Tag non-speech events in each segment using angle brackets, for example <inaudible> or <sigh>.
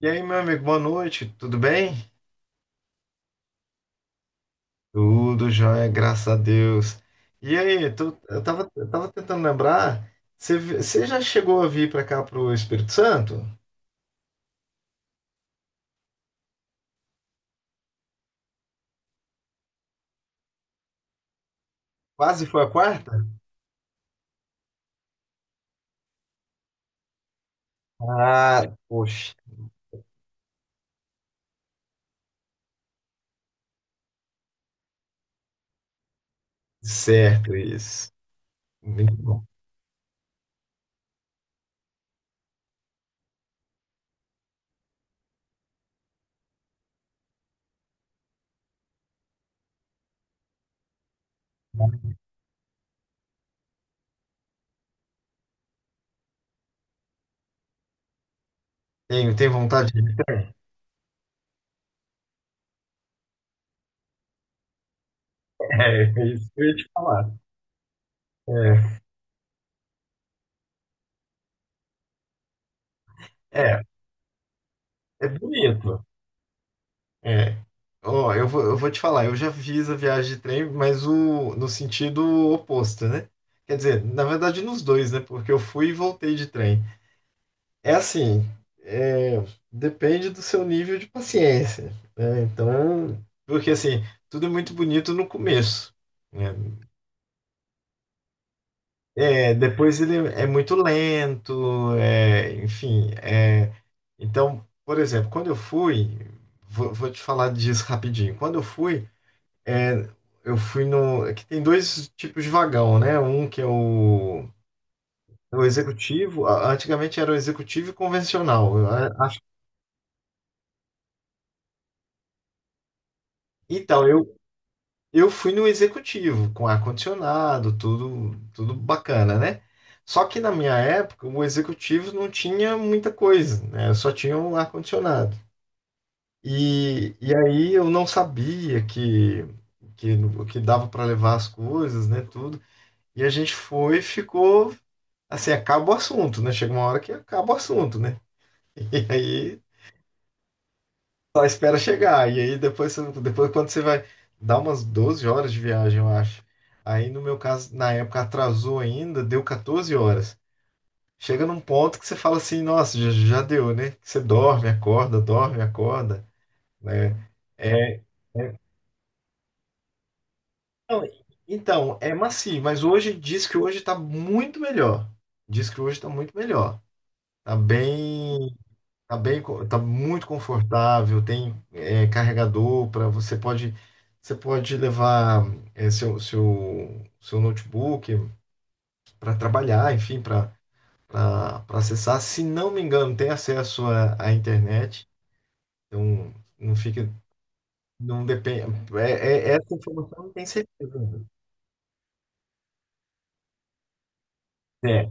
E aí, meu amigo, boa noite, tudo bem? Tudo jóia, graças a Deus. E aí, eu tava tentando lembrar, você já chegou a vir pra cá pro Espírito Santo? Quase foi a quarta? Ah, poxa, certo isso. Muito bom. Tem vontade de... <laughs> É, é isso que eu ia te falar. É, é, é bonito. É. Ó, eu vou te falar, eu já fiz a viagem de trem, mas o, no sentido oposto, né? Quer dizer, na verdade nos dois, né? Porque eu fui e voltei de trem. É assim, é, depende do seu nível de paciência, né? Então, porque assim, tudo é muito bonito no começo, né? É, depois ele é muito lento, enfim. Então, por exemplo, quando eu fui, vou te falar disso rapidinho. Quando eu fui, É, eu fui no. É que tem dois tipos de vagão, né? Um que é o, é o executivo. Antigamente era o executivo e convencional. Então, eu fui no executivo, com ar-condicionado, tudo, tudo bacana, né? Só que na minha época, o executivo não tinha muita coisa, né? Só tinha o ar-condicionado. E aí eu não sabia que, que dava para levar as coisas, né? Tudo. E a gente foi, e ficou assim, acaba o assunto, né? Chega uma hora que acaba o assunto, né? <laughs> E aí só espera chegar. E aí depois, depois quando você vai dar umas 12 horas de viagem, eu acho. Aí no meu caso, na época atrasou ainda, deu 14 horas. Chega num ponto que você fala assim, nossa, já, já deu, né? Você dorme, acorda, né? É, é- não, então, é macio, mas hoje diz que hoje tá muito melhor. Diz que hoje tá muito melhor. Tá bem. Tá bem, tá muito confortável, tem carregador para você pode levar seu, seu notebook para trabalhar, enfim, para acessar. Se não me engano, tem acesso à, à internet, então não fica não depende essa informação não tem certeza. Ainda. É,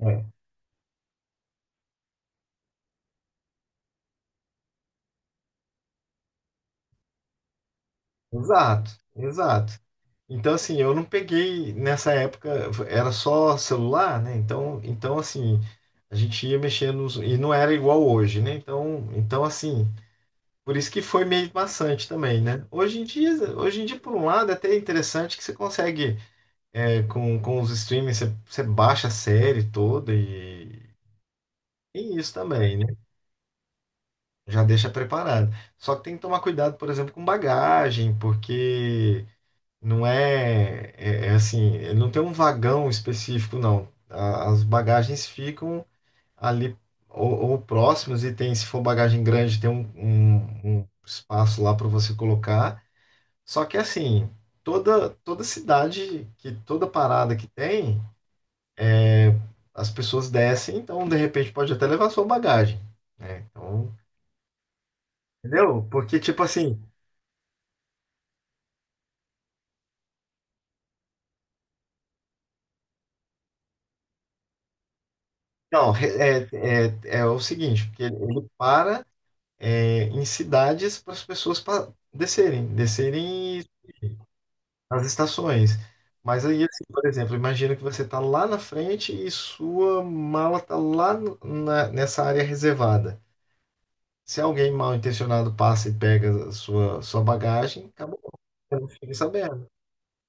é. Exato, exato. Então, assim, eu não peguei nessa época, era só celular, né? Então, então assim, a gente ia mexendo nos- e não era igual hoje, né? Então, então, assim, por isso que foi meio maçante também, né? Hoje em dia, por um lado, é até interessante que você consegue, com os streamings, você, você baixa a série toda e tem isso também, né? Já deixa preparado. Só que tem que tomar cuidado, por exemplo, com bagagem, porque não é, é, é assim, ele não tem um vagão específico, não. As bagagens ficam ali ou próximas e tem, se for bagagem grande, tem um, um espaço lá para você colocar. Só que assim, toda cidade que toda parada que tem, é, as pessoas descem, então de repente pode até levar sua bagagem, né? Então, entendeu? Porque tipo assim, não, é, é, é o seguinte, porque ele para em cidades para as pessoas descerem, descerem as estações. Mas aí, assim, por exemplo, imagina que você está lá na frente e sua mala está lá nessa área reservada. Se alguém mal intencionado passa e pega a sua, sua bagagem, acabou. Eu não fiquei sabendo.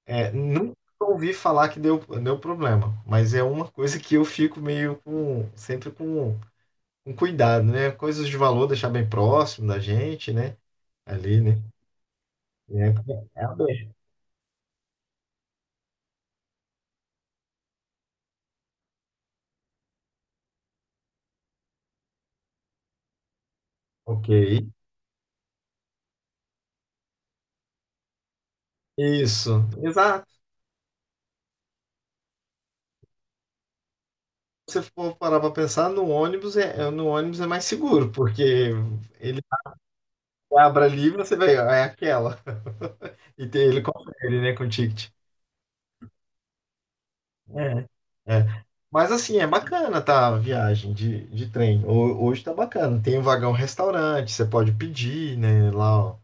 É, nunca ouvi falar que deu, deu problema, mas é uma coisa que eu fico meio com, sempre com cuidado, né? Coisas de valor, deixar bem próximo da gente, né? Ali, né? É, é a mesma. Ok. Isso. Exato. Se você for parar para pensar, no ônibus no ônibus é mais seguro, porque ele abre ali e você vê, ah, é aquela. E tem, ele confere, né, com o ticket. É. É. Mas assim, é bacana, tá, a viagem de trem. Hoje tá bacana. Tem um vagão restaurante, você pode pedir, né, lá, ó.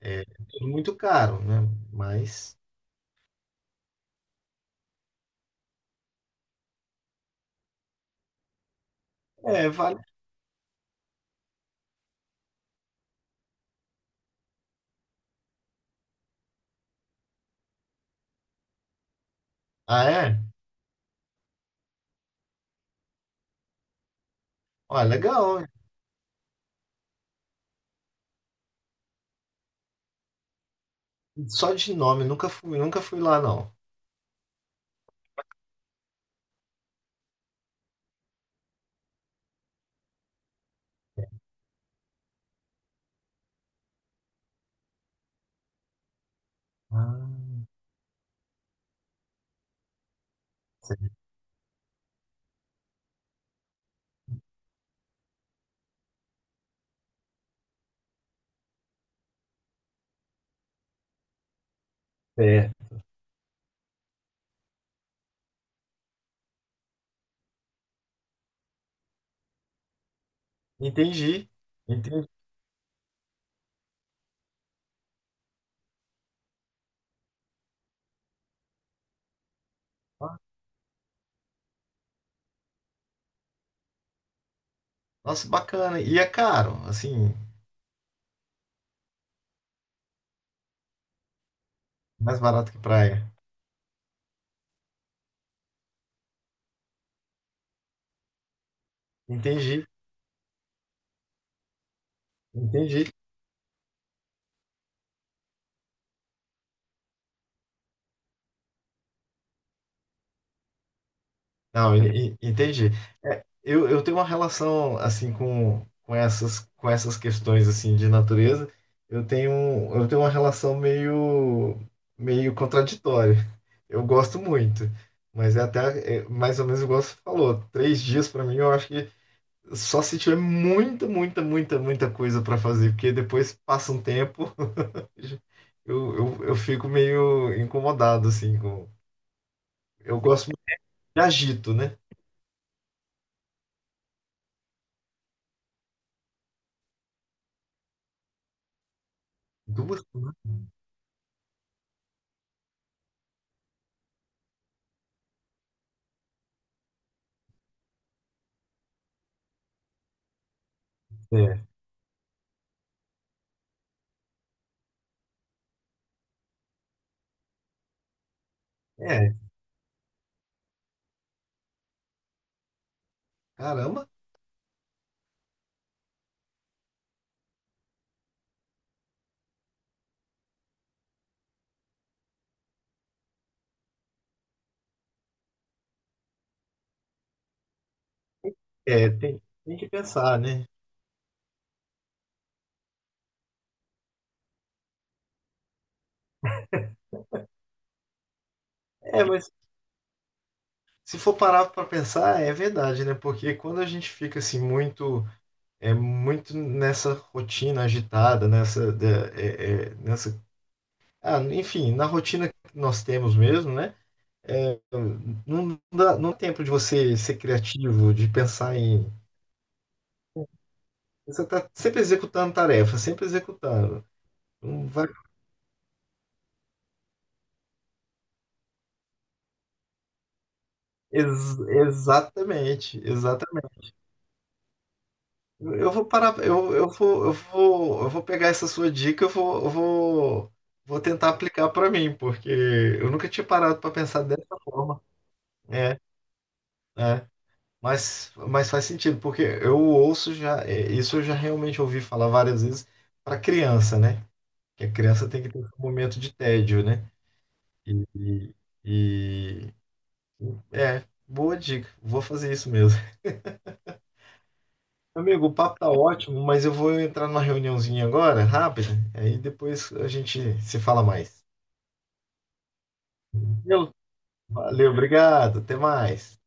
É tudo muito caro, né? Mas é, vale. Ah, é? Ó, legal. Só de nome, nunca fui, nunca fui lá, não. Ah, sim. é. Entendi. Entendi. Ah, nossa, bacana. E é caro, assim, mais barato que praia. Entendi. Entendi. Não, entendi. Eu tenho uma relação, assim, com essas questões, assim, de natureza. Eu tenho, eu tenho uma relação meio, meio contraditória. Eu gosto muito, mas é até, é, mais ou menos igual você falou, três dias para mim, eu acho que só se tiver muita, muita, muita, muita coisa para fazer, porque depois passa um tempo, <laughs> eu fico meio incomodado, assim, com... Eu gosto muito de agito, né? Duas semanas? É, é, caramba, é, tem que pensar, né? É, mas se for parar para pensar, é verdade, né? Porque quando a gente fica, assim, muito, muito nessa rotina agitada, nessa, nessa... Ah, enfim, na rotina que nós temos mesmo, né? É, não dá tempo de você ser criativo, de pensar em. Você está sempre executando tarefa, sempre executando. Não vai- Ex- exatamente, exatamente. Eu vou parar, eu vou pegar essa sua dica, vou tentar aplicar para mim, porque eu nunca tinha parado para pensar dessa forma. É, é. Mas faz sentido, porque eu ouço já, isso eu já realmente ouvi falar várias vezes para criança, né? Que a criança tem que ter um momento de tédio, né? E, e- e- é, boa dica. Vou fazer isso mesmo. <laughs> Amigo, o papo tá ótimo, mas eu vou entrar numa reuniãozinha agora, rápida. Aí depois a gente se fala mais. Valeu, valeu, obrigado. Até mais.